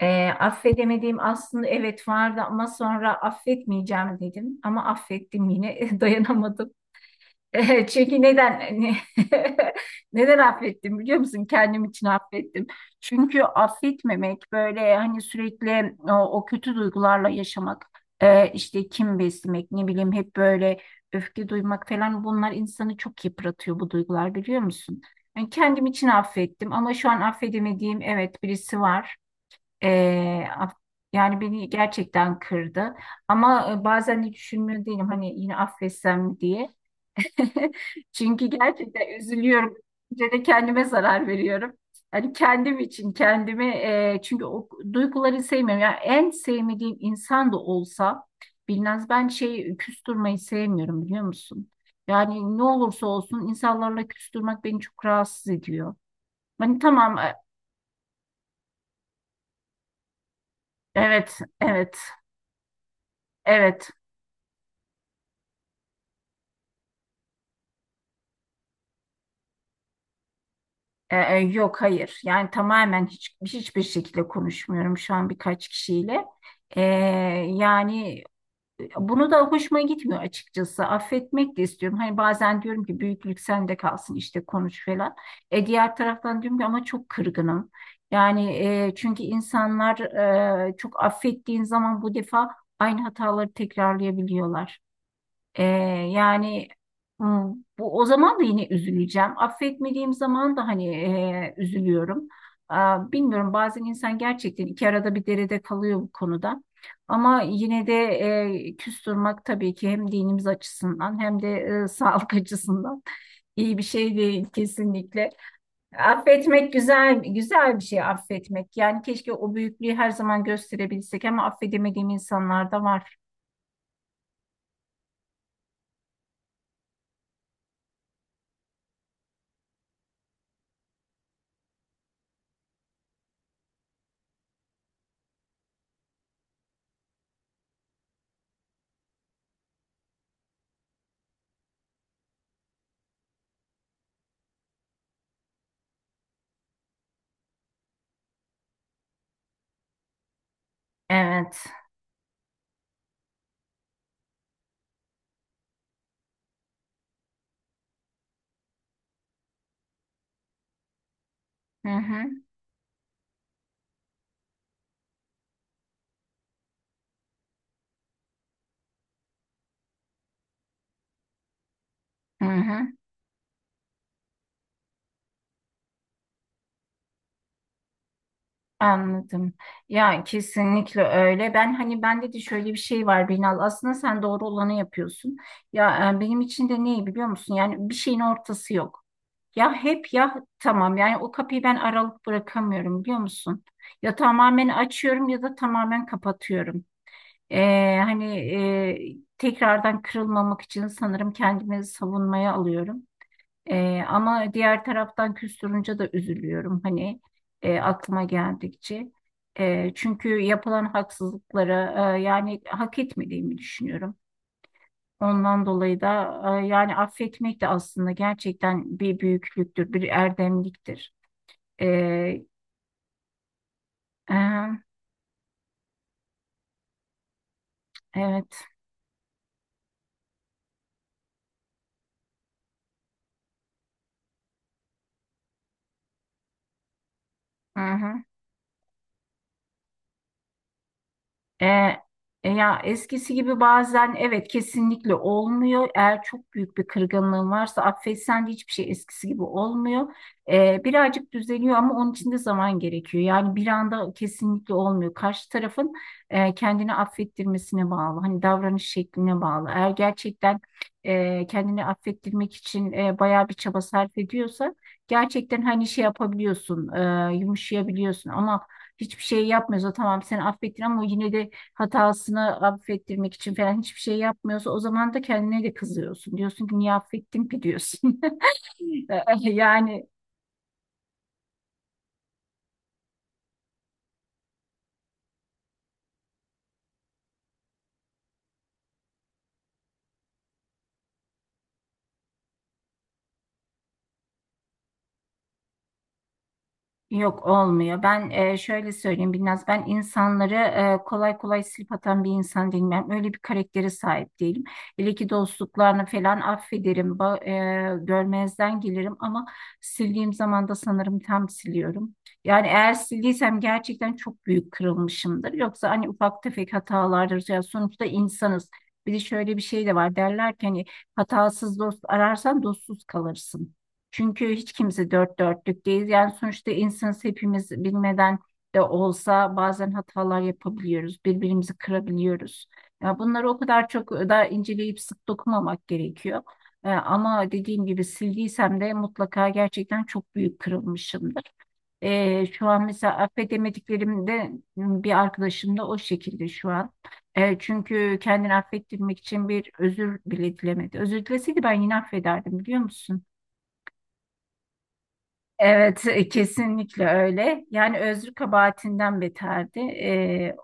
Affedemediğim aslında evet vardı ama sonra affetmeyeceğim dedim. Ama affettim yine dayanamadım. E, çünkü neden ne- Neden affettim biliyor musun? Kendim için affettim. Çünkü affetmemek böyle hani sürekli o, o kötü duygularla yaşamak, işte kim beslemek, ne bileyim hep böyle öfke duymak falan bunlar insanı çok yıpratıyor bu duygular biliyor musun? Yani kendim için affettim ama şu an affedemediğim evet birisi var. Ee, af- Yani beni gerçekten kırdı. Ama bazen de düşünmüyor değilim hani yine affetsem diye. Çünkü gerçekten üzülüyorum. Önce de kendime zarar veriyorum. Hani kendim için kendimi çünkü o duyguları sevmiyorum. Yani en sevmediğim insan da olsa bilmez ben şey küstürmeyi sevmiyorum biliyor musun? Yani ne olursa olsun insanlarla küstürmek beni çok rahatsız ediyor. Hani tamam evet evet evet. Yok hayır. Yani tamamen hiç hiçbir şekilde konuşmuyorum şu an birkaç kişiyle. Ee, Yani bunu da hoşuma gitmiyor açıkçası. Affetmek de istiyorum. Hani bazen diyorum ki büyüklük sende kalsın işte konuş falan. E, diğer taraftan diyorum ki ama çok kırgınım. Yani çünkü insanlar çok affettiğin zaman bu defa aynı hataları tekrarlayabiliyorlar. Ee, yani hmm, Bu o zaman da yine üzüleceğim. Affetmediğim zaman da hani üzülüyorum. Aa, bilmiyorum bazen insan gerçekten iki arada bir derede kalıyor bu konuda. Ama yine de küs durmak tabii ki hem dinimiz açısından hem de sağlık açısından iyi bir şey değil kesinlikle. Affetmek güzel güzel bir şey affetmek. Yani keşke o büyüklüğü her zaman gösterebilsek ama affedemediğim insanlar da var. Evet. Hı hı. Hı hı. Anladım. Ya kesinlikle öyle. Ben hani bende de şöyle bir şey var Binal. Aslında sen doğru olanı yapıyorsun. Ya benim için de neyi biliyor musun? Yani bir şeyin ortası yok. Ya hep ya tamam. Yani o kapıyı ben aralık bırakamıyorum biliyor musun? Ya tamamen açıyorum ya da tamamen kapatıyorum. Tekrardan kırılmamak için sanırım kendimi savunmaya alıyorum. Ama diğer taraftan küstürünce de üzülüyorum hani aklıma geldikçe. E, çünkü yapılan haksızlıklara yani hak etmediğimi düşünüyorum. Ondan dolayı da yani affetmek de aslında gerçekten bir büyüklüktür, bir erdemliktir. E, e, evet. Hı hı. E, Ya eskisi gibi bazen evet kesinlikle olmuyor. Eğer çok büyük bir kırgınlığın varsa affetsen de hiçbir şey eskisi gibi olmuyor. E, birazcık düzeliyor ama onun için de zaman gerekiyor. Yani bir anda kesinlikle olmuyor. Karşı tarafın kendini affettirmesine bağlı. Hani davranış şekline bağlı. Eğer gerçekten kendini affettirmek için bayağı bir çaba sarf ediyorsa gerçekten hani şey yapabiliyorsun, yumuşayabiliyorsun ama hiçbir şey yapmıyorsa tamam seni affettin ama yine de hatasını affettirmek için falan hiçbir şey yapmıyorsa o zaman da kendine de kızıyorsun. Diyorsun ki niye affettim ki diyorsun. Yani yok olmuyor. Ben şöyle söyleyeyim biraz ben insanları kolay kolay silip atan bir insan değilim. Ben öyle bir karaktere sahip değilim. Hele ki dostluklarını falan affederim, görmezden gelirim ama sildiğim zaman da sanırım tam siliyorum. Yani eğer sildiysem gerçekten çok büyük kırılmışımdır. Yoksa hani ufak tefek hatalardır. Ya sonuçta insanız. Bir de şöyle bir şey de var derler ki hani hatasız dost ararsan dostsuz kalırsın. Çünkü hiç kimse dört dörtlük değil. Yani sonuçta insanız hepimiz bilmeden de olsa bazen hatalar yapabiliyoruz. Birbirimizi kırabiliyoruz. Ya bunları o kadar çok da inceleyip sık dokumamak gerekiyor. E, ama dediğim gibi sildiysem de mutlaka gerçekten çok büyük kırılmışımdır. E, şu an mesela affedemediklerimde bir arkadaşım da o şekilde şu an. E, çünkü kendini affettirmek için bir özür bile dilemedi. Özür dileseydi ben yine affederdim biliyor musun? Evet, kesinlikle öyle. Yani özrü kabahatinden beterdi. E,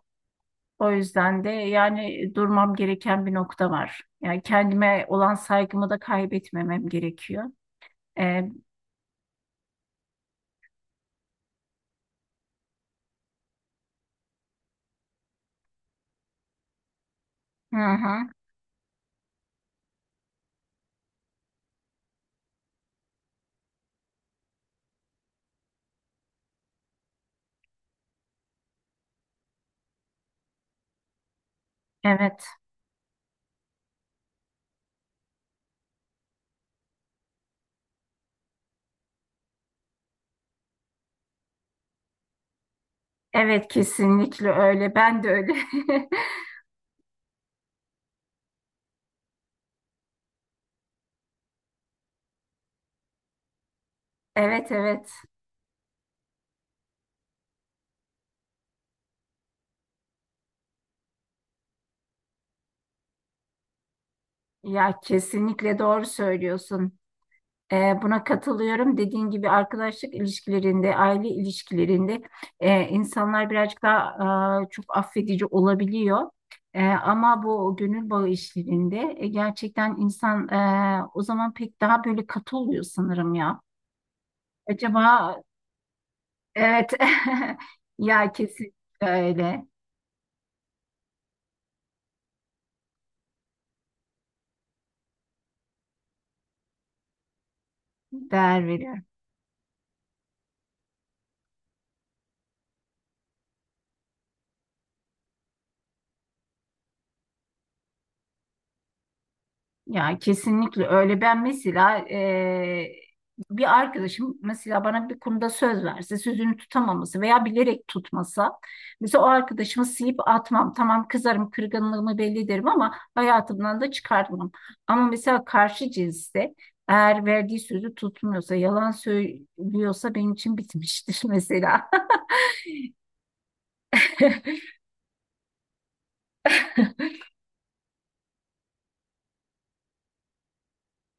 o yüzden de yani durmam gereken bir nokta var. Yani kendime olan saygımı da kaybetmemem gerekiyor. E, hı hı, evet, evet kesinlikle öyle. Ben de öyle. Evet, evet. Ya kesinlikle doğru söylüyorsun. E, buna katılıyorum. Dediğin gibi arkadaşlık ilişkilerinde, aile ilişkilerinde insanlar birazcık daha çok affedici olabiliyor. E, ama bu gönül bağı işlerinde gerçekten insan o zaman pek daha böyle katı oluyor sanırım ya. Acaba evet ya kesinlikle öyle değer veriyor. Ya kesinlikle öyle. Ben mesela bir arkadaşım mesela bana bir konuda söz verse, sözünü tutamaması veya bilerek tutmasa, mesela o arkadaşımı sıyıp atmam. Tamam kızarım, kırgınlığımı belli ederim ama hayatımdan da çıkartmam. Ama mesela karşı cinste eğer verdiği sözü tutmuyorsa, yalan söylüyorsa benim için bitmiştir mesela.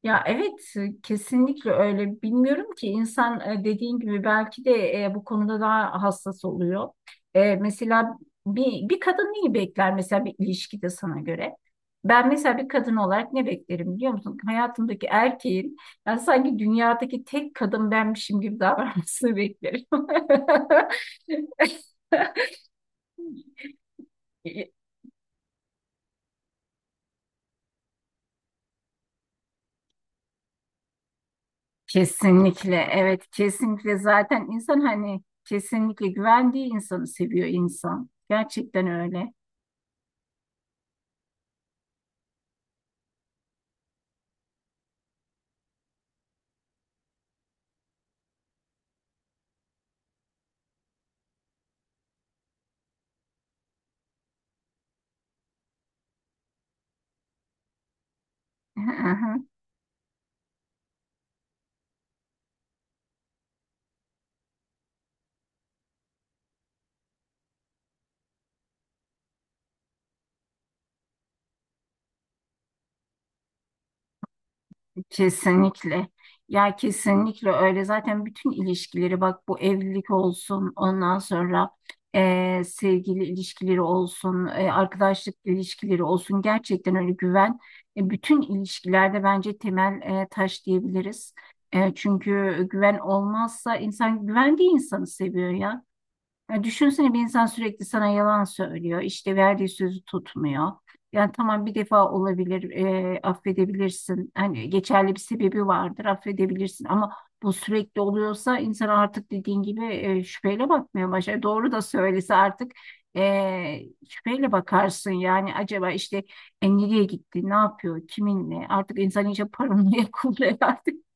Ya evet kesinlikle öyle. Bilmiyorum ki insan dediğin gibi belki de bu konuda daha hassas oluyor. E, mesela bir kadın neyi bekler mesela bir ilişkide sana göre? Ben mesela bir kadın olarak ne beklerim biliyor musun? Hayatımdaki erkeğin yani sanki dünyadaki tek kadın benmişim gibi davranmasını beklerim. Kesinlikle evet kesinlikle zaten insan hani kesinlikle güvendiği insanı seviyor insan. Gerçekten öyle. Aha, kesinlikle. Ya kesinlikle öyle. Zaten bütün ilişkileri bak bu evlilik olsun ondan sonra sevgili ilişkileri olsun arkadaşlık ilişkileri olsun gerçekten öyle güven. E, bütün ilişkilerde bence temel taş diyebiliriz. E, çünkü güven olmazsa insan güvendiği insanı seviyor ya. Ya düşünsene bir insan sürekli sana yalan söylüyor, işte verdiği sözü tutmuyor. Yani tamam bir defa olabilir, affedebilirsin. Hani geçerli bir sebebi vardır, affedebilirsin. Ama bu sürekli oluyorsa insan artık dediğin gibi şüpheyle bakmaya başlar. Doğru da söylese artık e, şüpheyle bakarsın. Yani acaba işte nereye gitti, ne yapıyor, kiminle? Artık insan iyice paranoya kuruyor artık.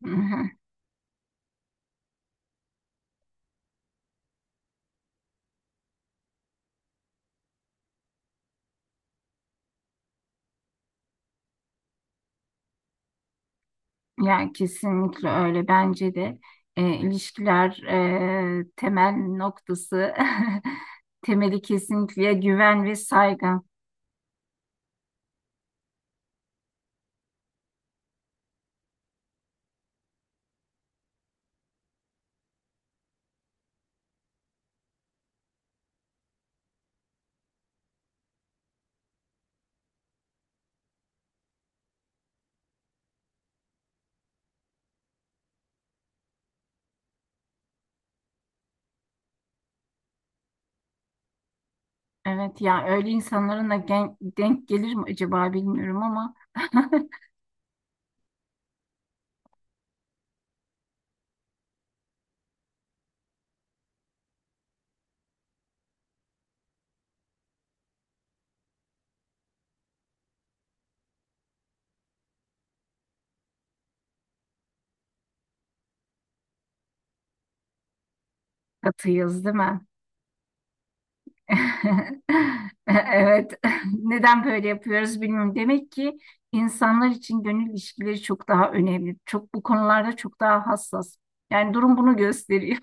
Yani kesinlikle öyle bence de ilişkiler temel noktası temeli kesinlikle güven ve saygı. Evet ya öyle insanların da gen- denk gelir mi acaba bilmiyorum ama katıyız değil mi? Evet neden böyle yapıyoruz bilmiyorum. Demek ki insanlar için gönül ilişkileri çok daha önemli. Çok bu konularda çok daha hassas. Yani durum bunu gösteriyor.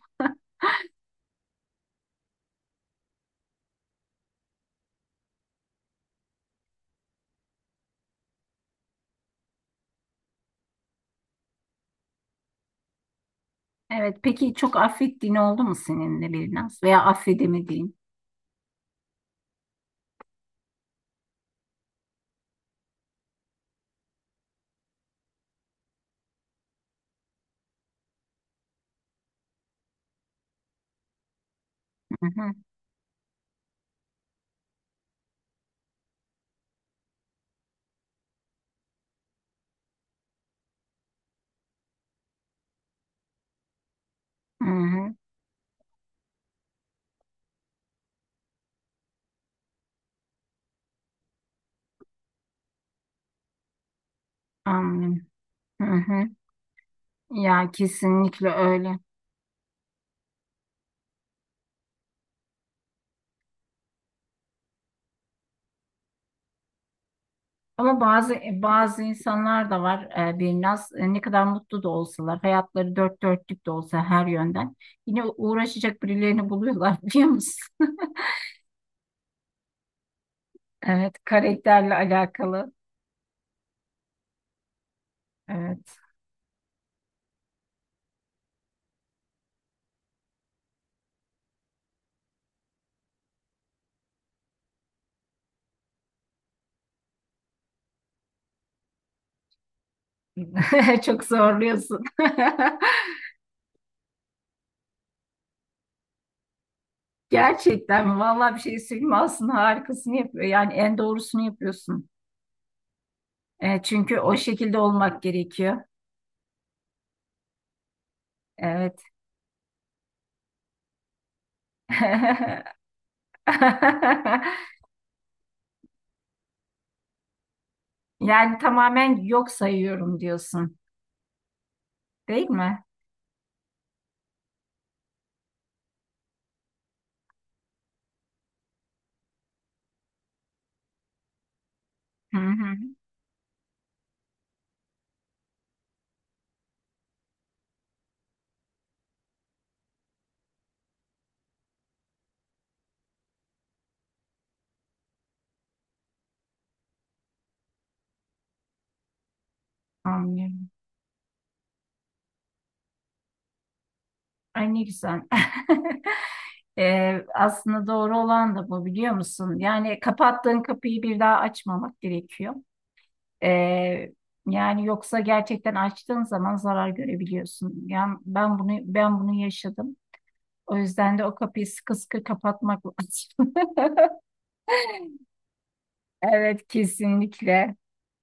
Evet, peki çok affettiğin oldu mu seninle bir naz veya affedemediğin? Hı hı, hı hı, anlıyorum. Hı hı. Ya kesinlikle öyle. Ama bazı bazı insanlar da var ne kadar mutlu da olsalar, hayatları dört dörtlük de olsa her yönden yine uğraşacak birilerini buluyorlar biliyor musun? Evet, karakterle alakalı. Evet. Çok zorluyorsun. Gerçekten vallahi bir şey söyleyeyim mi? Aslında harikasını yapıyor. Yani en doğrusunu yapıyorsun. E, çünkü o şekilde olmak gerekiyor. Evet. Yani tamamen yok sayıyorum diyorsun, değil mi? Hı hı. Anlıyorum. Ay ne güzel. Aslında doğru olan da bu biliyor musun? Yani kapattığın kapıyı bir daha açmamak gerekiyor. Ee, Yani yoksa gerçekten açtığın zaman zarar görebiliyorsun. Yani ben bunu bunu yaşadım. O yüzden de o kapıyı sıkı sıkı kapatmak lazım. Evet kesinlikle.